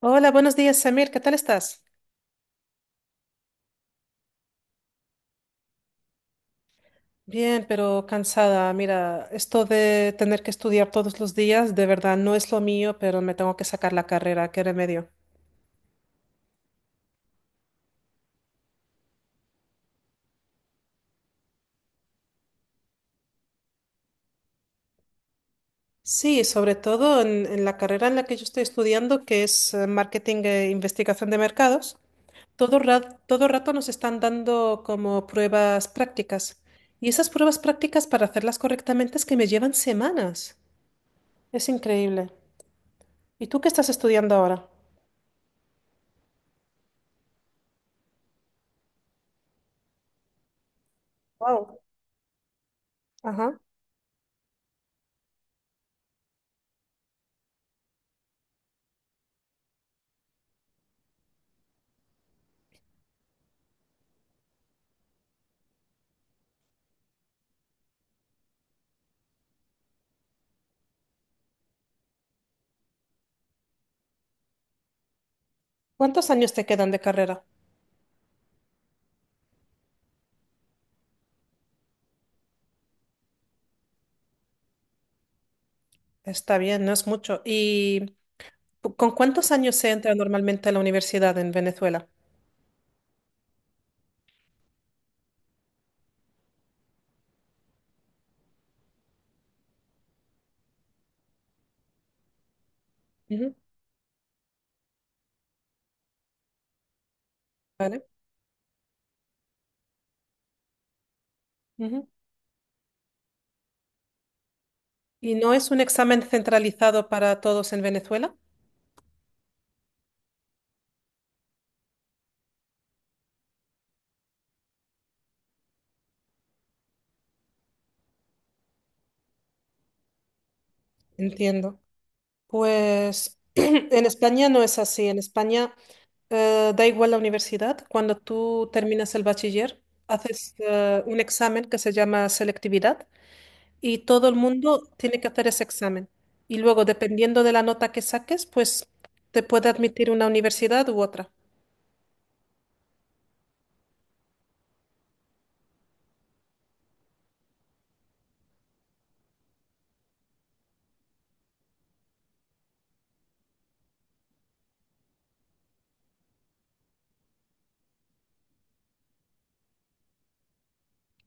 Hola, buenos días, Samir. ¿Qué tal estás? Bien, pero cansada. Mira, esto de tener que estudiar todos los días, de verdad no es lo mío, pero me tengo que sacar la carrera. ¿Qué remedio? Sí, sobre todo en la carrera en la que yo estoy estudiando, que es marketing e investigación de mercados, todo rato nos están dando como pruebas prácticas. Y esas pruebas prácticas, para hacerlas correctamente, es que me llevan semanas. Es increíble. ¿Y tú qué estás estudiando ahora? Wow. ¿Cuántos años te quedan de carrera? Está bien, no es mucho. ¿Y con cuántos años se entra normalmente a la universidad en Venezuela? Ujú. ¿Vale? Ujú. ¿Y no es un examen centralizado para todos en Venezuela? Entiendo. Pues en España no es así. En España da igual la universidad. Cuando tú terminas el bachiller, haces un examen que se llama selectividad y todo el mundo tiene que hacer ese examen. Y luego, dependiendo de la nota que saques, pues te puede admitir una universidad u otra.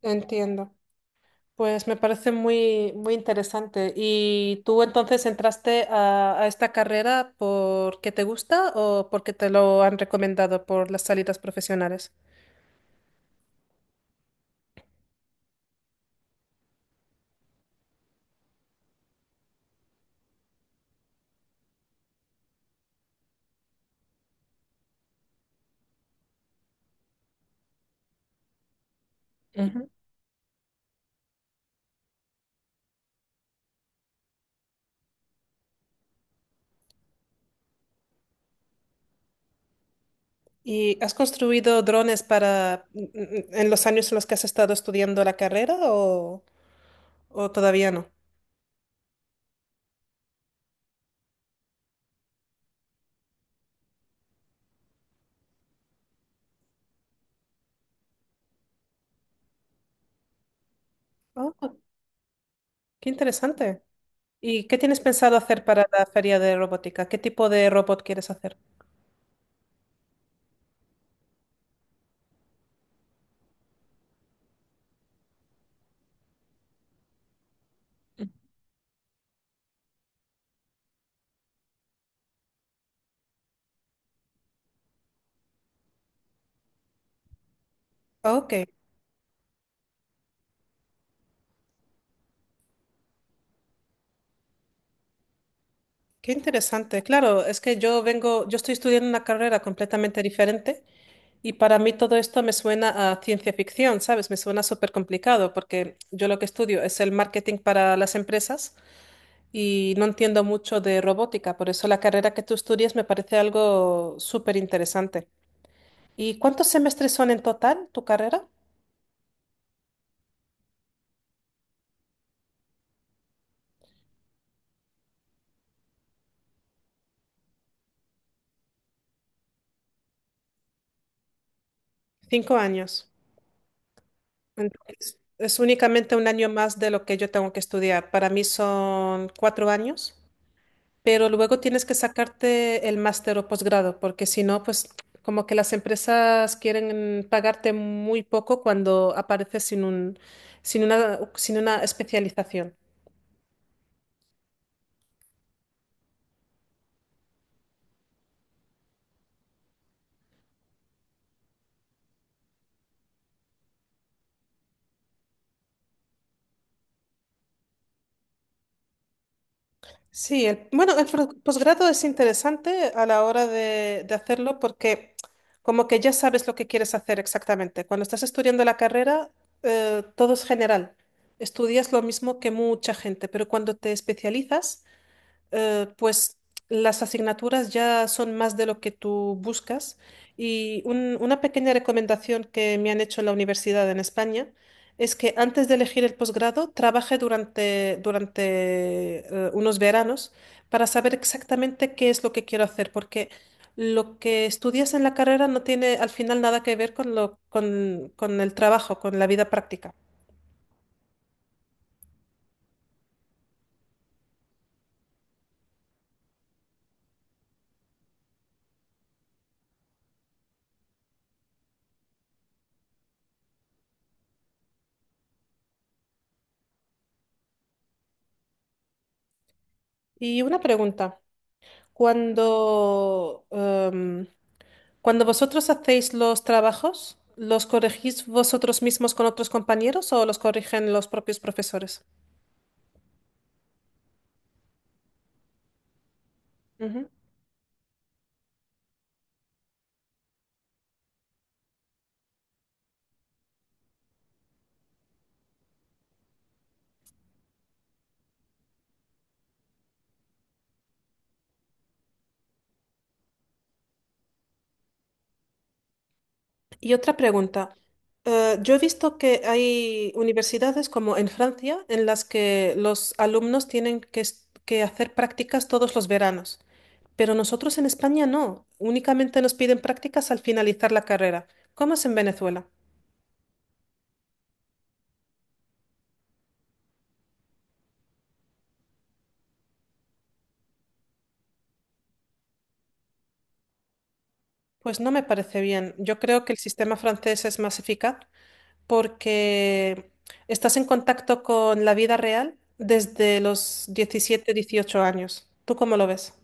Entiendo. Pues me parece muy interesante. ¿Y tú entonces entraste a esta carrera porque te gusta o porque te lo han recomendado por las salidas profesionales? Ujú. ¿Y has construido drones para en los años en los que has estado estudiando la carrera o todavía no? Ah, qué interesante. ¿Y qué tienes pensado hacer para la feria de robótica? ¿Qué tipo de robot quieres hacer? Ok, qué interesante. Claro, es que yo vengo, yo estoy estudiando una carrera completamente diferente y para mí todo esto me suena a ciencia ficción, ¿sabes? Me suena súper complicado porque yo lo que estudio es el marketing para las empresas y no entiendo mucho de robótica, por eso la carrera que tú estudias me parece algo súper interesante. ¿Y cuántos semestres son en total tu carrera? Cinco años. Entonces, es únicamente un año más de lo que yo tengo que estudiar. Para mí son cuatro años, pero luego tienes que sacarte el máster o posgrado, porque si no, pues como que las empresas quieren pagarte muy poco cuando apareces sin una especialización. Sí, bueno, posgrado es interesante a la hora de hacerlo porque como que ya sabes lo que quieres hacer exactamente. Cuando estás estudiando la carrera, todo es general. Estudias lo mismo que mucha gente, pero cuando te especializas, pues las asignaturas ya son más de lo que tú buscas y una pequeña recomendación que me han hecho en la universidad en España es que antes de elegir el posgrado trabaje durante unos veranos para saber exactamente qué es lo que quiero hacer, porque lo que estudias en la carrera no tiene al final nada que ver con el trabajo, con la vida práctica. Y una pregunta. Cuando em, Cuando vosotros hacéis los trabajos, ¿los corregís vosotros mismos con otros compañeros o los corrigen los propios profesores? Ujú. Y otra pregunta. Yo he visto que hay universidades como en Francia en las que los alumnos tienen que hacer prácticas todos los veranos, pero nosotros en España no. Únicamente nos piden prácticas al finalizar la carrera. ¿Cómo es en Venezuela? Pues no me parece bien. Yo creo que el sistema francés es más eficaz porque estás en contacto con la vida real desde los 17, 18 años. ¿Tú cómo lo ves?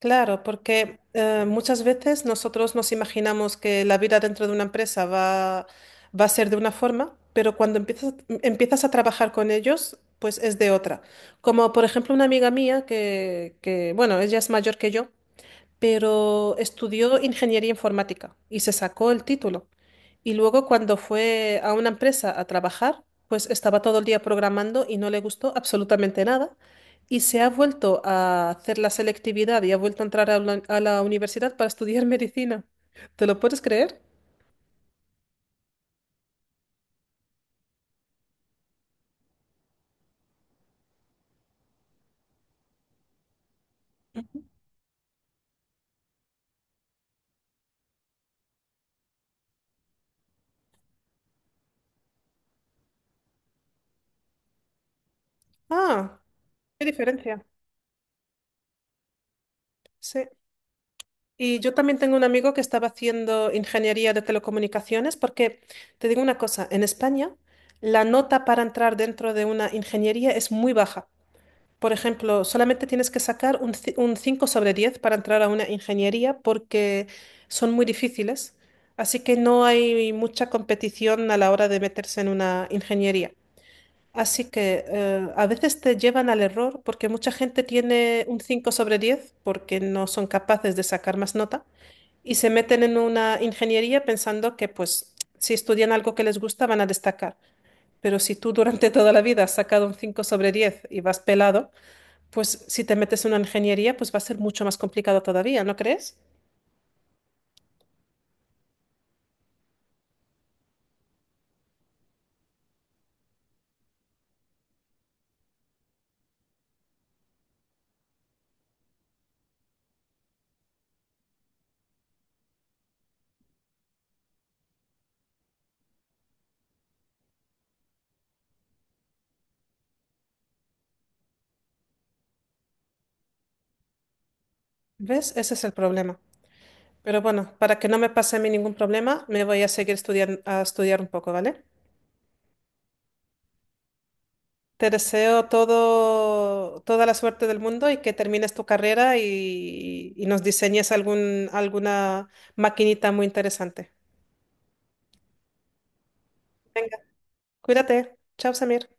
Claro, porque muchas veces nosotros nos imaginamos que la vida dentro de una empresa va a ser de una forma, pero cuando empiezas a trabajar con ellos, pues es de otra. Como por ejemplo una amiga mía bueno, ella es mayor que yo pero estudió ingeniería informática y se sacó el título. Y luego cuando fue a una empresa a trabajar, pues estaba todo el día programando y no le gustó absolutamente nada. Y se ha vuelto a hacer la selectividad y ha vuelto a entrar a a la universidad para estudiar medicina. ¿Te lo puedes creer? Ah, qué diferencia. Sí. Y yo también tengo un amigo que estaba haciendo ingeniería de telecomunicaciones porque, te digo una cosa, en España la nota para entrar dentro de una ingeniería es muy baja. Por ejemplo, solamente tienes que sacar un 5 sobre 10 para entrar a una ingeniería porque son muy difíciles. Así que no hay mucha competición a la hora de meterse en una ingeniería. Así que a veces te llevan al error porque mucha gente tiene un 5 sobre 10 porque no son capaces de sacar más nota y se meten en una ingeniería pensando que pues si estudian algo que les gusta van a destacar. Pero si tú durante toda la vida has sacado un 5 sobre 10 y vas pelado, pues si te metes en una ingeniería pues va a ser mucho más complicado todavía, ¿no crees? ¿Ves? Ese es el problema. Pero bueno, para que no me pase a mí ningún problema, me voy a seguir estudiando, a estudiar un poco, ¿vale? Te deseo toda la suerte del mundo y que termines tu carrera y nos diseñes alguna maquinita muy interesante. Venga. Cuídate. Chao, Samir.